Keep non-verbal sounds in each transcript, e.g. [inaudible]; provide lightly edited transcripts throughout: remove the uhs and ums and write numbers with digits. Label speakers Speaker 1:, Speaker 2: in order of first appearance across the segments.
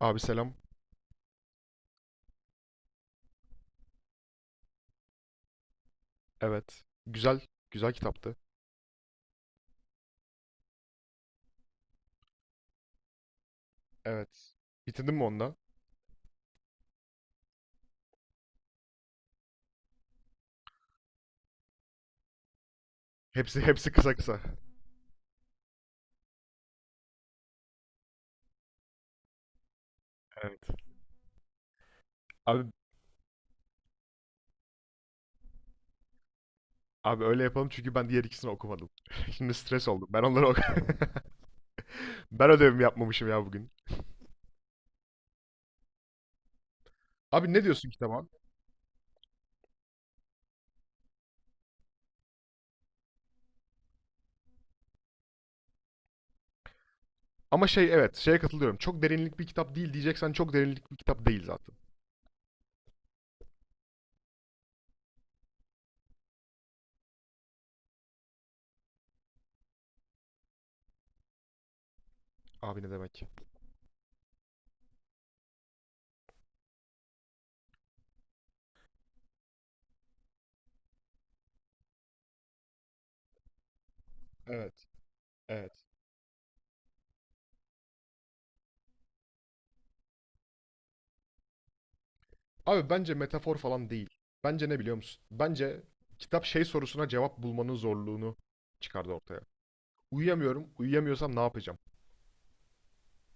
Speaker 1: Abi selam. Evet. Güzel. Güzel kitaptı. Evet. Bitirdin mi onunla? Hepsi kısa kısa. Evet. Abi abi öyle yapalım çünkü ben diğer ikisini okumadım. [laughs] Şimdi stres oldum. Ben onları ok [laughs] Ben ödevimi yapmamışım ya bugün. Abi ne diyorsun kitaba? Ama şey evet şeye katılıyorum. Çok derinlik bir kitap değil diyeceksen çok derinlik bir kitap değil zaten. Abi ne demek? Evet, evet. Abi bence metafor falan değil. Bence ne biliyor musun? Bence kitap şey sorusuna cevap bulmanın zorluğunu çıkardı ortaya. Uyuyamıyorum, uyuyamıyorsam ne yapacağım?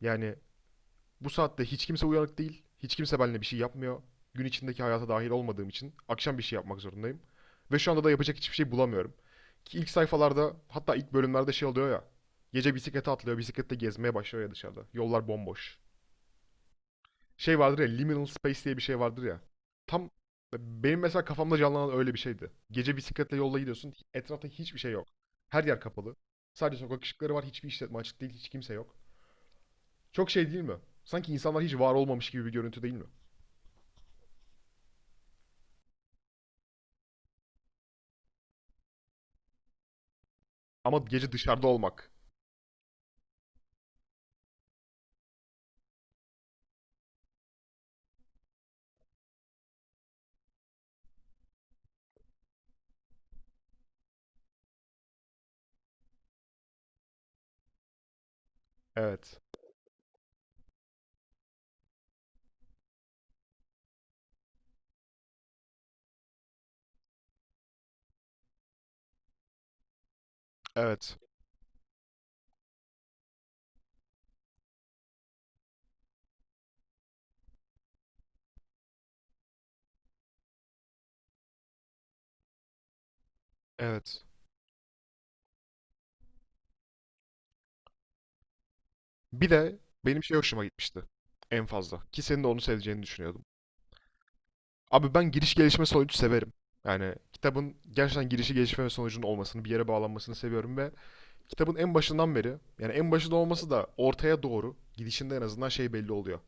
Speaker 1: Yani bu saatte hiç kimse uyanık değil. Hiç kimse benimle bir şey yapmıyor. Gün içindeki hayata dahil olmadığım için akşam bir şey yapmak zorundayım. Ve şu anda da yapacak hiçbir şey bulamıyorum. Ki ilk sayfalarda hatta ilk bölümlerde şey oluyor ya. Gece bisiklete atlıyor, bisiklette gezmeye başlıyor ya dışarıda. Yollar bomboş. Şey vardır ya, liminal space diye bir şey vardır ya. Tam benim mesela kafamda canlanan öyle bir şeydi. Gece bisikletle yolda gidiyorsun, etrafta hiçbir şey yok. Her yer kapalı. Sadece sokak ışıkları var, hiçbir işletme açık değil, hiç kimse yok. Çok şey değil mi? Sanki insanlar hiç var olmamış gibi bir görüntü değil mi? Ama gece dışarıda olmak. Evet. Evet. Evet. Bir de benim şey hoşuma gitmişti. En fazla. Ki senin de onu seveceğini düşünüyordum. Abi ben giriş gelişme sonucu severim. Yani kitabın gerçekten girişi gelişme ve sonucunun olmasını, bir yere bağlanmasını seviyorum ve kitabın en başından beri, yani en başında olması da ortaya doğru gidişinde en azından şey belli oluyor.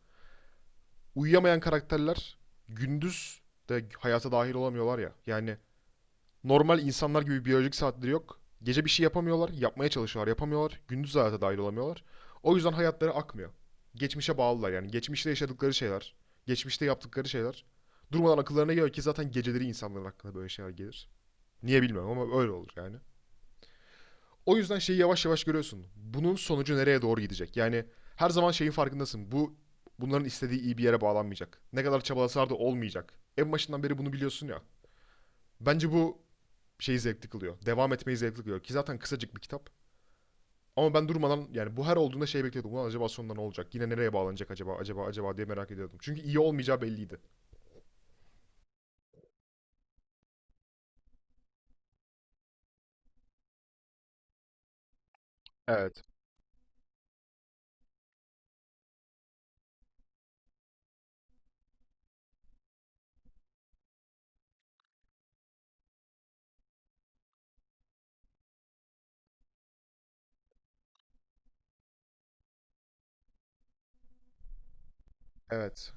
Speaker 1: Uyuyamayan karakterler gündüz de hayata dahil olamıyorlar ya. Yani normal insanlar gibi biyolojik saatleri yok. Gece bir şey yapamıyorlar, yapmaya çalışıyorlar, yapamıyorlar. Gündüz hayata dahil olamıyorlar. O yüzden hayatları akmıyor. Geçmişe bağlılar yani. Geçmişte yaşadıkları şeyler, geçmişte yaptıkları şeyler. Durmadan akıllarına geliyor ki zaten geceleri insanların aklına böyle şeyler gelir. Niye bilmiyorum ama öyle olur yani. O yüzden şeyi yavaş yavaş görüyorsun. Bunun sonucu nereye doğru gidecek? Yani her zaman şeyin farkındasın. Bunların istediği iyi bir yere bağlanmayacak. Ne kadar çabalasalar da olmayacak. En başından beri bunu biliyorsun ya. Bence bu şeyi zevkli kılıyor. Devam etmeyi zevkli kılıyor. Ki zaten kısacık bir kitap. Ama ben durmadan yani bu her olduğunda şey bekliyordum. Ulan acaba sonunda ne olacak? Yine nereye bağlanacak acaba? Acaba acaba diye merak ediyordum. Çünkü iyi olmayacağı belliydi. Evet. Evet.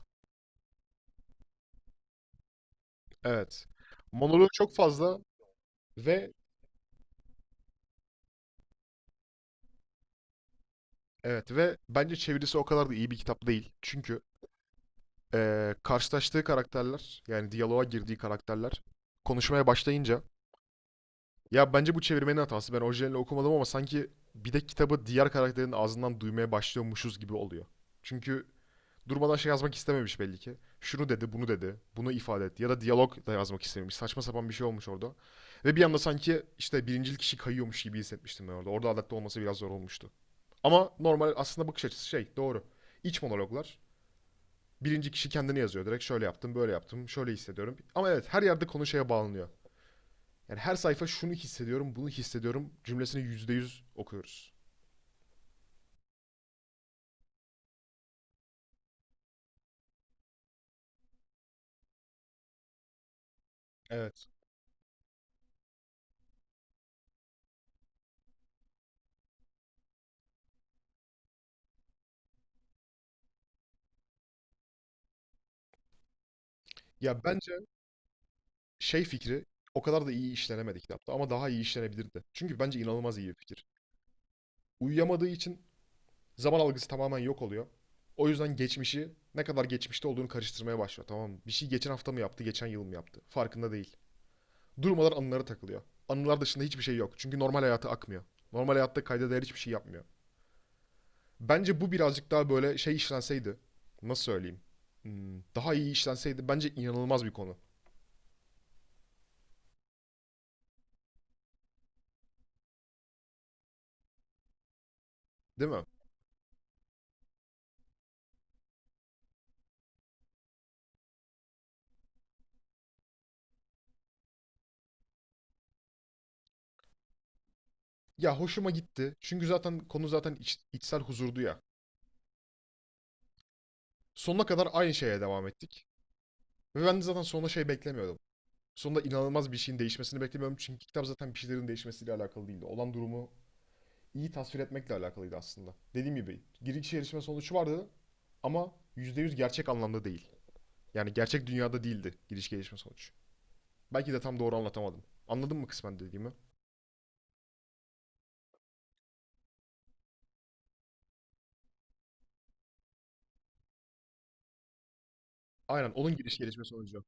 Speaker 1: Evet. Monolog çok fazla ve evet ve bence çevirisi o kadar da iyi bir kitap değil. Çünkü karşılaştığı karakterler yani diyaloğa girdiği karakterler konuşmaya başlayınca ya bence bu çevirmenin hatası. Ben orijinalini okumadım ama sanki bir de kitabı diğer karakterin ağzından duymaya başlıyormuşuz gibi oluyor. Çünkü durmadan şey yazmak istememiş belli ki. Şunu dedi, bunu dedi, bunu ifade etti. Ya da diyalog da yazmak istememiş. Saçma sapan bir şey olmuş orada. Ve bir anda sanki işte birincil kişi kayıyormuş gibi hissetmiştim ben orada. Orada adapte olması biraz zor olmuştu. Ama normal aslında bakış açısı şey doğru. İç monologlar. Birinci kişi kendini yazıyor. Direkt şöyle yaptım, böyle yaptım, şöyle hissediyorum. Ama evet her yerde konu şeye bağlanıyor. Yani her sayfa şunu hissediyorum, bunu hissediyorum cümlesini %100 okuyoruz. Evet. Ya bence şey fikri o kadar da iyi işlenemedi kitapta ama daha iyi işlenebilirdi. Çünkü bence inanılmaz iyi bir fikir. Uyuyamadığı için zaman algısı tamamen yok oluyor. O yüzden geçmişi ne kadar geçmişte olduğunu karıştırmaya başlıyor. Tamam mı? Bir şey geçen hafta mı yaptı, geçen yıl mı yaptı? Farkında değil. Durmadan anılara takılıyor. Anılar dışında hiçbir şey yok. Çünkü normal hayatı akmıyor. Normal hayatta kayda değer hiçbir şey yapmıyor. Bence bu birazcık daha böyle şey işlenseydi. Nasıl söyleyeyim? Daha iyi işlenseydi bence inanılmaz bir konu. Değil mi? Ya hoşuma gitti. Çünkü zaten konu zaten içsel huzurdu ya. Sonuna kadar aynı şeye devam ettik. Ve ben de zaten sonunda şey beklemiyordum. Sonunda inanılmaz bir şeyin değişmesini beklemiyordum. Çünkü kitap zaten bir şeylerin değişmesiyle alakalı değildi. Olan durumu iyi tasvir etmekle alakalıydı aslında. Dediğim gibi giriş gelişme sonucu vardı ama %100 gerçek anlamda değil. Yani gerçek dünyada değildi giriş gelişme sonucu. Belki de tam doğru anlatamadım. Anladın mı kısmen dediğimi? Aynen onun giriş gelişme sonucu.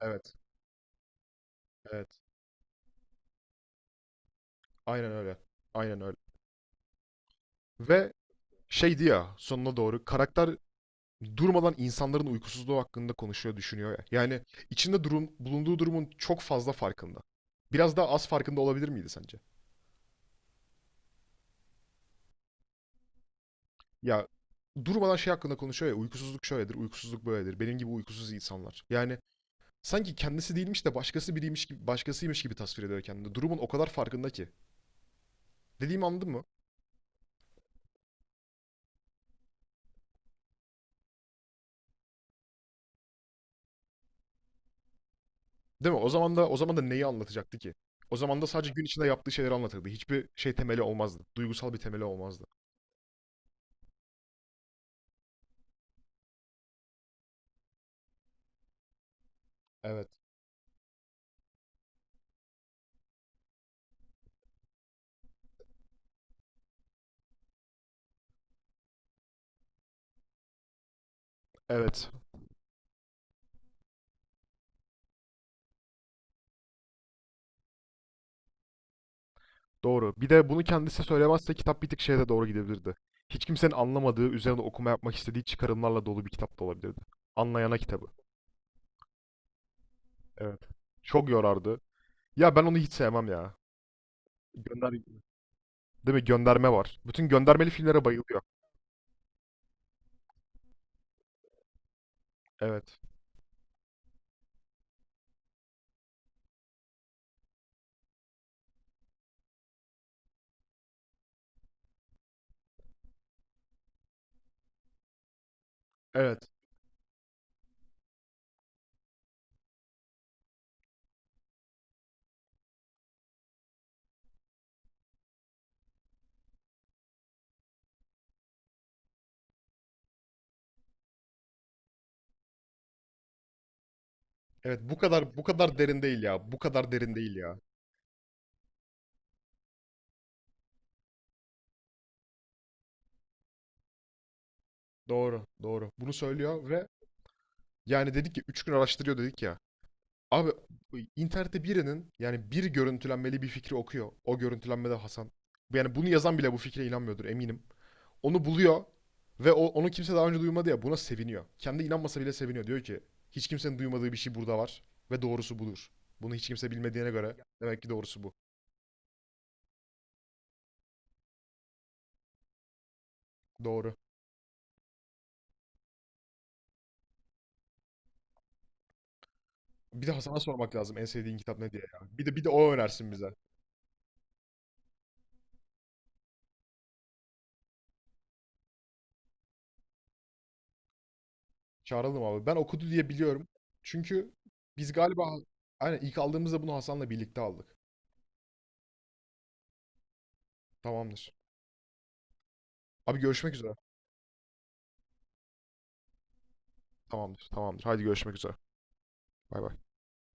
Speaker 1: Evet, evet. Aynen öyle. Aynen öyle. Ve şeydi ya sonuna doğru karakter durmadan insanların uykusuzluğu hakkında konuşuyor, düşünüyor ya. Yani içinde durum, bulunduğu durumun çok fazla farkında. Biraz daha az farkında olabilir miydi sence? Ya durmadan şey hakkında konuşuyor ya uykusuzluk şöyledir, uykusuzluk böyledir. Benim gibi uykusuz insanlar. Yani sanki kendisi değilmiş de başkası biriymiş gibi, başkasıymış gibi tasvir ediyor kendini. Durumun o kadar farkında ki. Dediğimi anladın mı? Değil mi? O zaman da neyi anlatacaktı ki? O zaman da sadece gün içinde yaptığı şeyleri anlatırdı. Hiçbir şey temeli olmazdı. Duygusal bir temeli olmazdı. Evet. Evet. Doğru. Bir de bunu kendisi söylemezse kitap bir tık şeye de doğru gidebilirdi. Hiç kimsenin anlamadığı, üzerine okuma yapmak istediği çıkarımlarla dolu bir kitap da olabilirdi. Anlayana kitabı. Evet. Çok yorardı. Ya ben onu hiç sevmem ya. Gönder... Değil mi? Gönderme var. Bütün göndermeli filmlere bayılıyor. Evet. Evet. Evet bu kadar derin değil ya. Bu kadar derin değil ya. Doğru, doğru. Bunu söylüyor ve yani dedik ya 3 gün araştırıyor dedik ya. Abi internette birinin yani bir görüntülenmeli bir fikri okuyor. O görüntülenmede Hasan. Yani bunu yazan bile bu fikre inanmıyordur eminim. Onu buluyor ve onu kimse daha önce duymadı ya buna seviniyor. Kendi inanmasa bile seviniyor. Diyor ki hiç kimsenin duymadığı bir şey burada var ve doğrusu budur. Bunu hiç kimse bilmediğine göre demek ki doğrusu bu. Doğru. Bir de Hasan'a sormak lazım en sevdiğin kitap ne diye ya. Bir de o önersin bize. Çağıralım abi. Ben okudu diye biliyorum. Çünkü biz galiba aynen ilk aldığımızda bunu Hasan'la birlikte aldık. Tamamdır. Abi görüşmek üzere. Tamamdır, tamamdır. Haydi görüşmek üzere. Bay bay.